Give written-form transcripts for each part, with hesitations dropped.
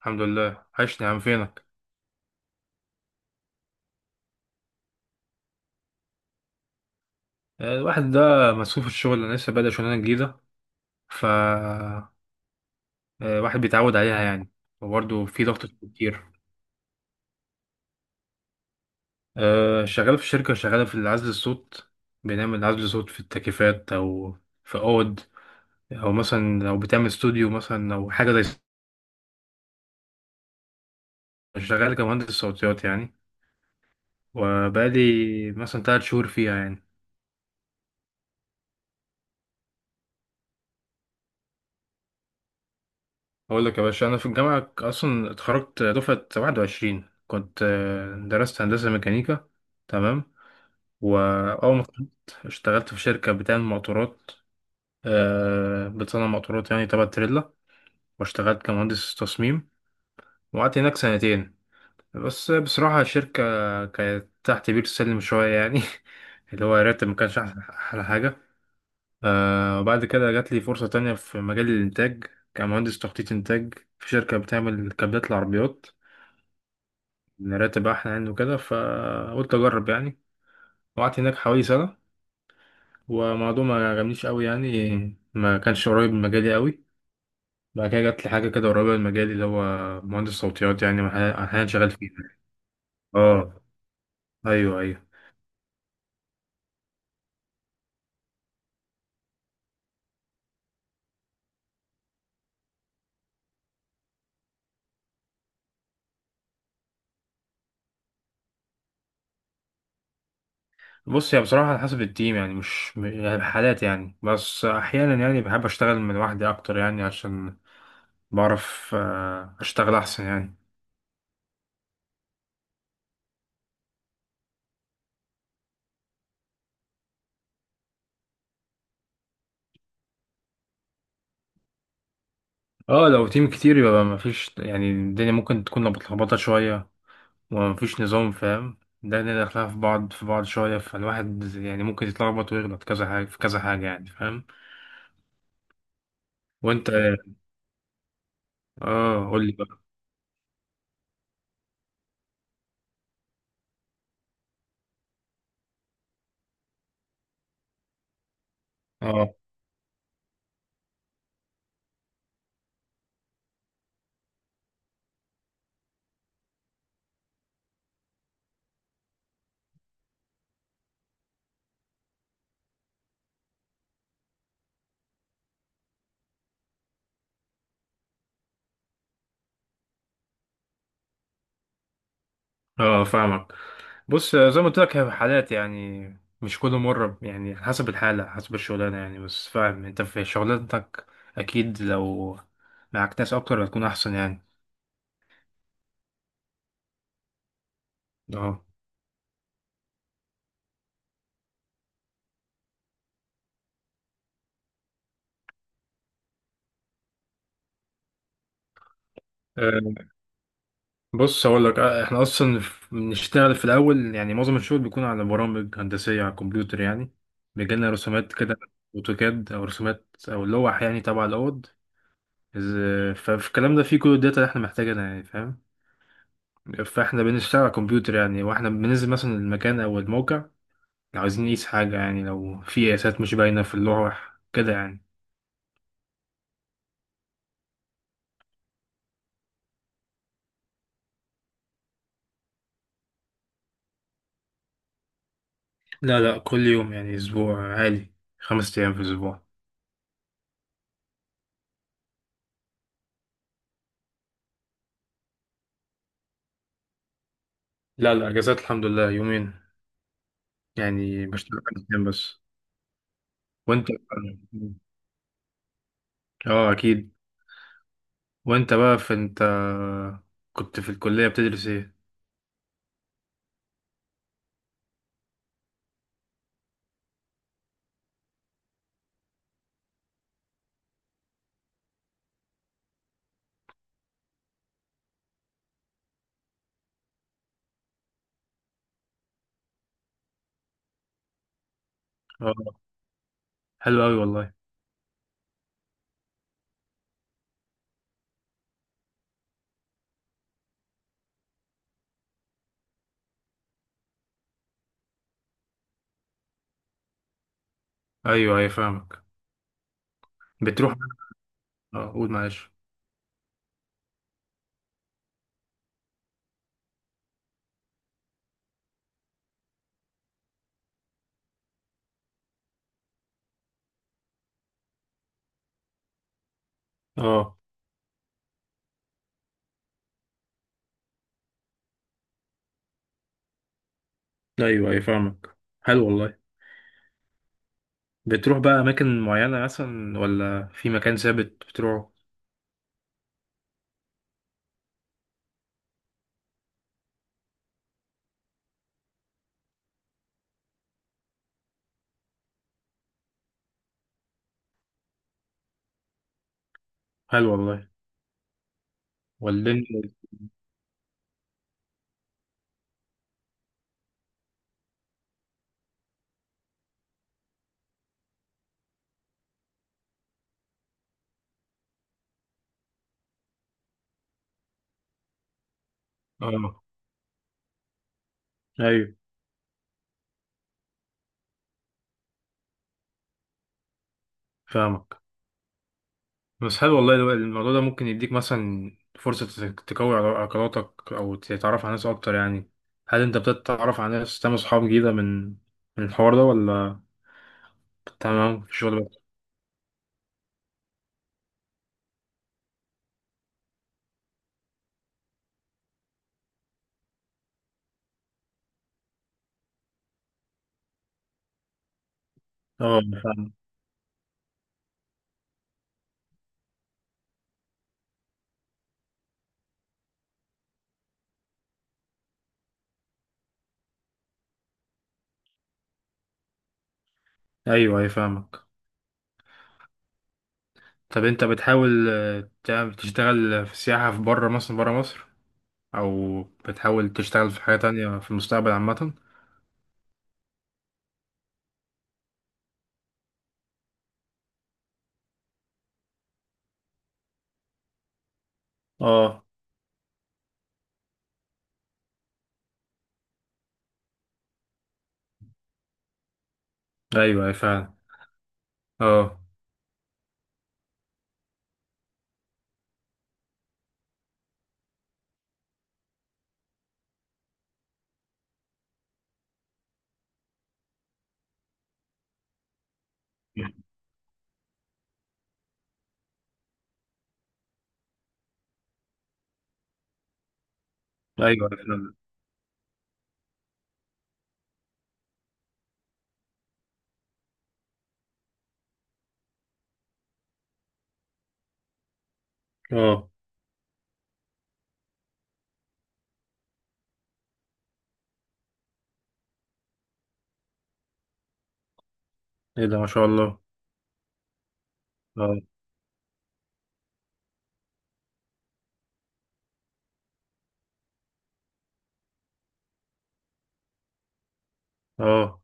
الحمد لله، عشني يا عم. فينك؟ الواحد ده مسؤول في الشغل. انا لسه بادئ شغلانه جديده. ف آه، الواحد بيتعود عليها يعني، وبرضه في ضغط كتير. شغال في شركه شغاله في عزل الصوت. بنعمل عزل صوت في التكييفات، او في اوض، او مثلا لو بتعمل استوديو مثلا او حاجه زي. شغال كمهندس صوتيات يعني، وبقالي مثلا 3 شهور فيها يعني. اقول لك يا باشا، انا في الجامعه اصلا اتخرجت دفعه 21. كنت درست هندسه ميكانيكا. تمام. وأول ما اتخرجت اشتغلت في شركة بتعمل موتورات. بتصنع موتورات يعني، تبع تريلا. واشتغلت كمهندس تصميم، وقعدت هناك سنتين. بس بصراحة الشركة كانت تحت بير السلم شوية يعني. اللي هو الراتب ما كانش أحلى حاجة. وبعد كده جات لي فرصة تانية في مجال الإنتاج، كمهندس تخطيط إنتاج، في شركة بتعمل كابلات العربيات. الراتب أحلى يعني وكده، فقلت أجرب يعني. وقعدت هناك حوالي سنة. هو موضوع ما عجبنيش قوي يعني، ما كانش قريب من مجالي قوي. بعد كده جات لي حاجه كده قريبه من مجالي، اللي هو مهندس صوتيات يعني. احيانا شغال فيه. اه. ايوه، ايوه. بص، هي بصراحه على حسب التيم يعني، مش يعني حالات يعني، بس احيانا يعني بحب اشتغل من لوحدي اكتر يعني، عشان بعرف اشتغل احسن يعني. اه، لو تيم كتير يبقى ما فيش يعني، الدنيا ممكن تكون متلخبطه شويه، ومفيش نظام فاهم. ده اللي داخلها في بعض في بعض شوية، فالواحد يعني ممكن يتلخبط ويغلط كذا حاجة في كذا حاجة يعني. فاهم. وانت؟ اه، قول لي بقى. اه، اه، فاهمك. بص زي ما قلت لك، هي حالات يعني، مش كل مرة يعني، حسب الحالة حسب الشغلانة يعني. بس فاهم، انت في شغلانتك اكيد لو معاك ناس اكتر هتكون احسن يعني. اه. بص هقول لك، احنا اصلا بنشتغل في الاول يعني. معظم الشغل بيكون على برامج هندسيه على الكمبيوتر يعني. بيجيلنا رسومات كده، اوتوكاد او رسومات او لوح، يعني تبع الاوض. ففي الكلام ده فيه كل الداتا اللي احنا محتاجينها يعني. فاهم. فاحنا بنشتغل على الكمبيوتر يعني، واحنا بننزل مثلا المكان او الموقع لو عايزين نقيس حاجه يعني، لو في قياسات مش باينه في اللوح كده يعني. لا، لا، كل يوم يعني، اسبوع عالي، 5 ايام في الاسبوع. لا، لا، اجازات الحمد لله يومين. يعني بشتغل 5 ايام بس. وانت؟ اه اكيد. وانت بقى في، انت كنت في الكلية بتدرس ايه؟ اه، حلو اوي والله. ايوه، ايوه، فاهمك. بتروح. اه، قول معلش. اه، ايوه، ايوه، فاهمك. حلو والله. بتروح بقى اماكن معينة مثلا، ولا في مكان ثابت بتروحه؟ حلو والله. والدنيا. اه، ايوه، فاهمك. بس حلو والله. الموضوع ده ممكن يديك مثلا فرصة تقوي علاقاتك، أو تتعرف على ناس أكتر يعني. هل أنت بتتعرف على ناس تعمل صحاب جديدة من الحوار ده، ولا تمام في الشغل بس؟ اه، أنا فاهم. أيوه، أيوه، فاهمك. طب أنت بتحاول تعمل تشتغل في السياحة في بره مثلا، بره مصر؟ أو بتحاول تشتغل في حاجة تانية في المستقبل عامة؟ اه. أيوه، أيوه، فعلا. اه. أيوه، أيوة، فعلا. اه. إيه ده، ما شاء الله. اه. اه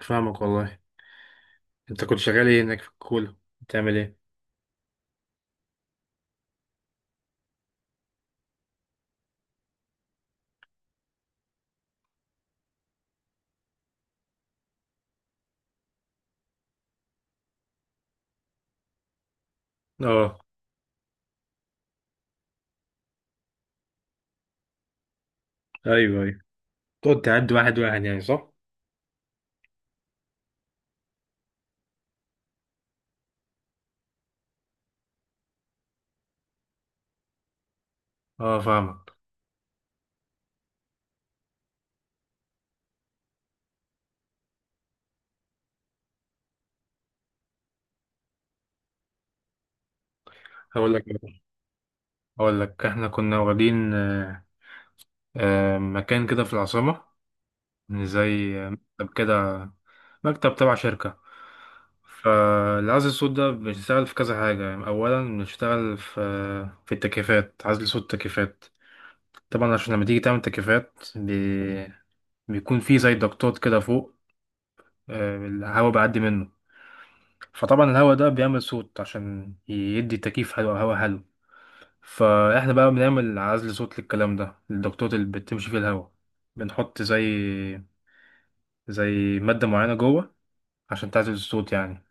فاهمك والله. انت كنت شغال ايه هناك في الكولا؟ بتعمل ايه؟ اه. ايوه، ايوه، تقعد تعد واحد واحد يعني، صح؟ اه فاهمك. هقول لك هقول لك احنا كنا واخدين مكان كده في العاصمة، زي مكتب كده. مكتب تبع شركة. فالعزل الصوت ده بنشتغل في كذا حاجة يعني. أولا بنشتغل في التكييفات، عزل صوت التكييفات. طبعا عشان لما تيجي تعمل تكييفات بيكون في زي ضغطات كده فوق. الهواء بيعدي منه. فطبعا الهوا ده بيعمل صوت، عشان يدي تكييف هوا هوا حلو. فاحنا بقى بنعمل عزل صوت للكلام ده، للدكتور اللي بتمشي فيه الهوا. بنحط زي مادة معينة جوه، عشان تعزل الصوت يعني.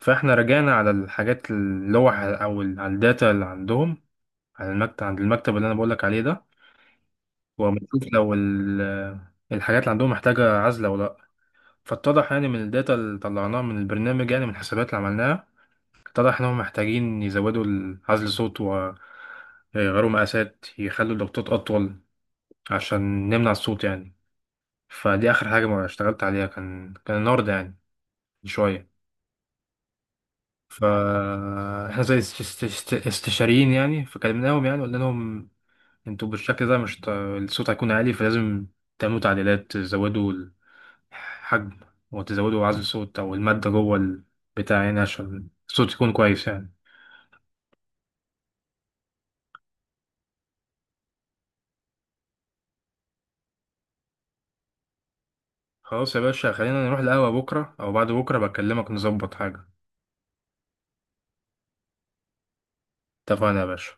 فاحنا رجعنا على الحاجات، اللوح، او على الداتا اللي عندهم، على المكتب، عند المكتب اللي انا بقولك عليه ده. وبنشوف لو الحاجات اللي عندهم محتاجة عزل او لا. فاتضح يعني من الداتا اللي طلعناها من البرنامج، يعني من الحسابات اللي عملناها، اتضح إنهم محتاجين يزودوا عزل صوت، ويغيروا مقاسات، يخلوا الضغطات أطول عشان نمنع الصوت يعني. فدي آخر حاجة ما اشتغلت عليها، كان النهاردة يعني، من شوية. فاحنا زي استشاريين يعني، فكلمناهم يعني، قلنا لهم انتوا بالشكل ده مش الصوت هيكون عالي، فلازم تعملوا تعديلات، تزودوا الحجم، وتزودوا عزل الصوت أو المادة جوه البتاع يعني، عشان الصوت يكون كويس يعني. خلاص يا باشا، خلينا نروح القهوة بكرة أو بعد بكرة، بكلمك نظبط حاجة. اتفقنا يا باشا.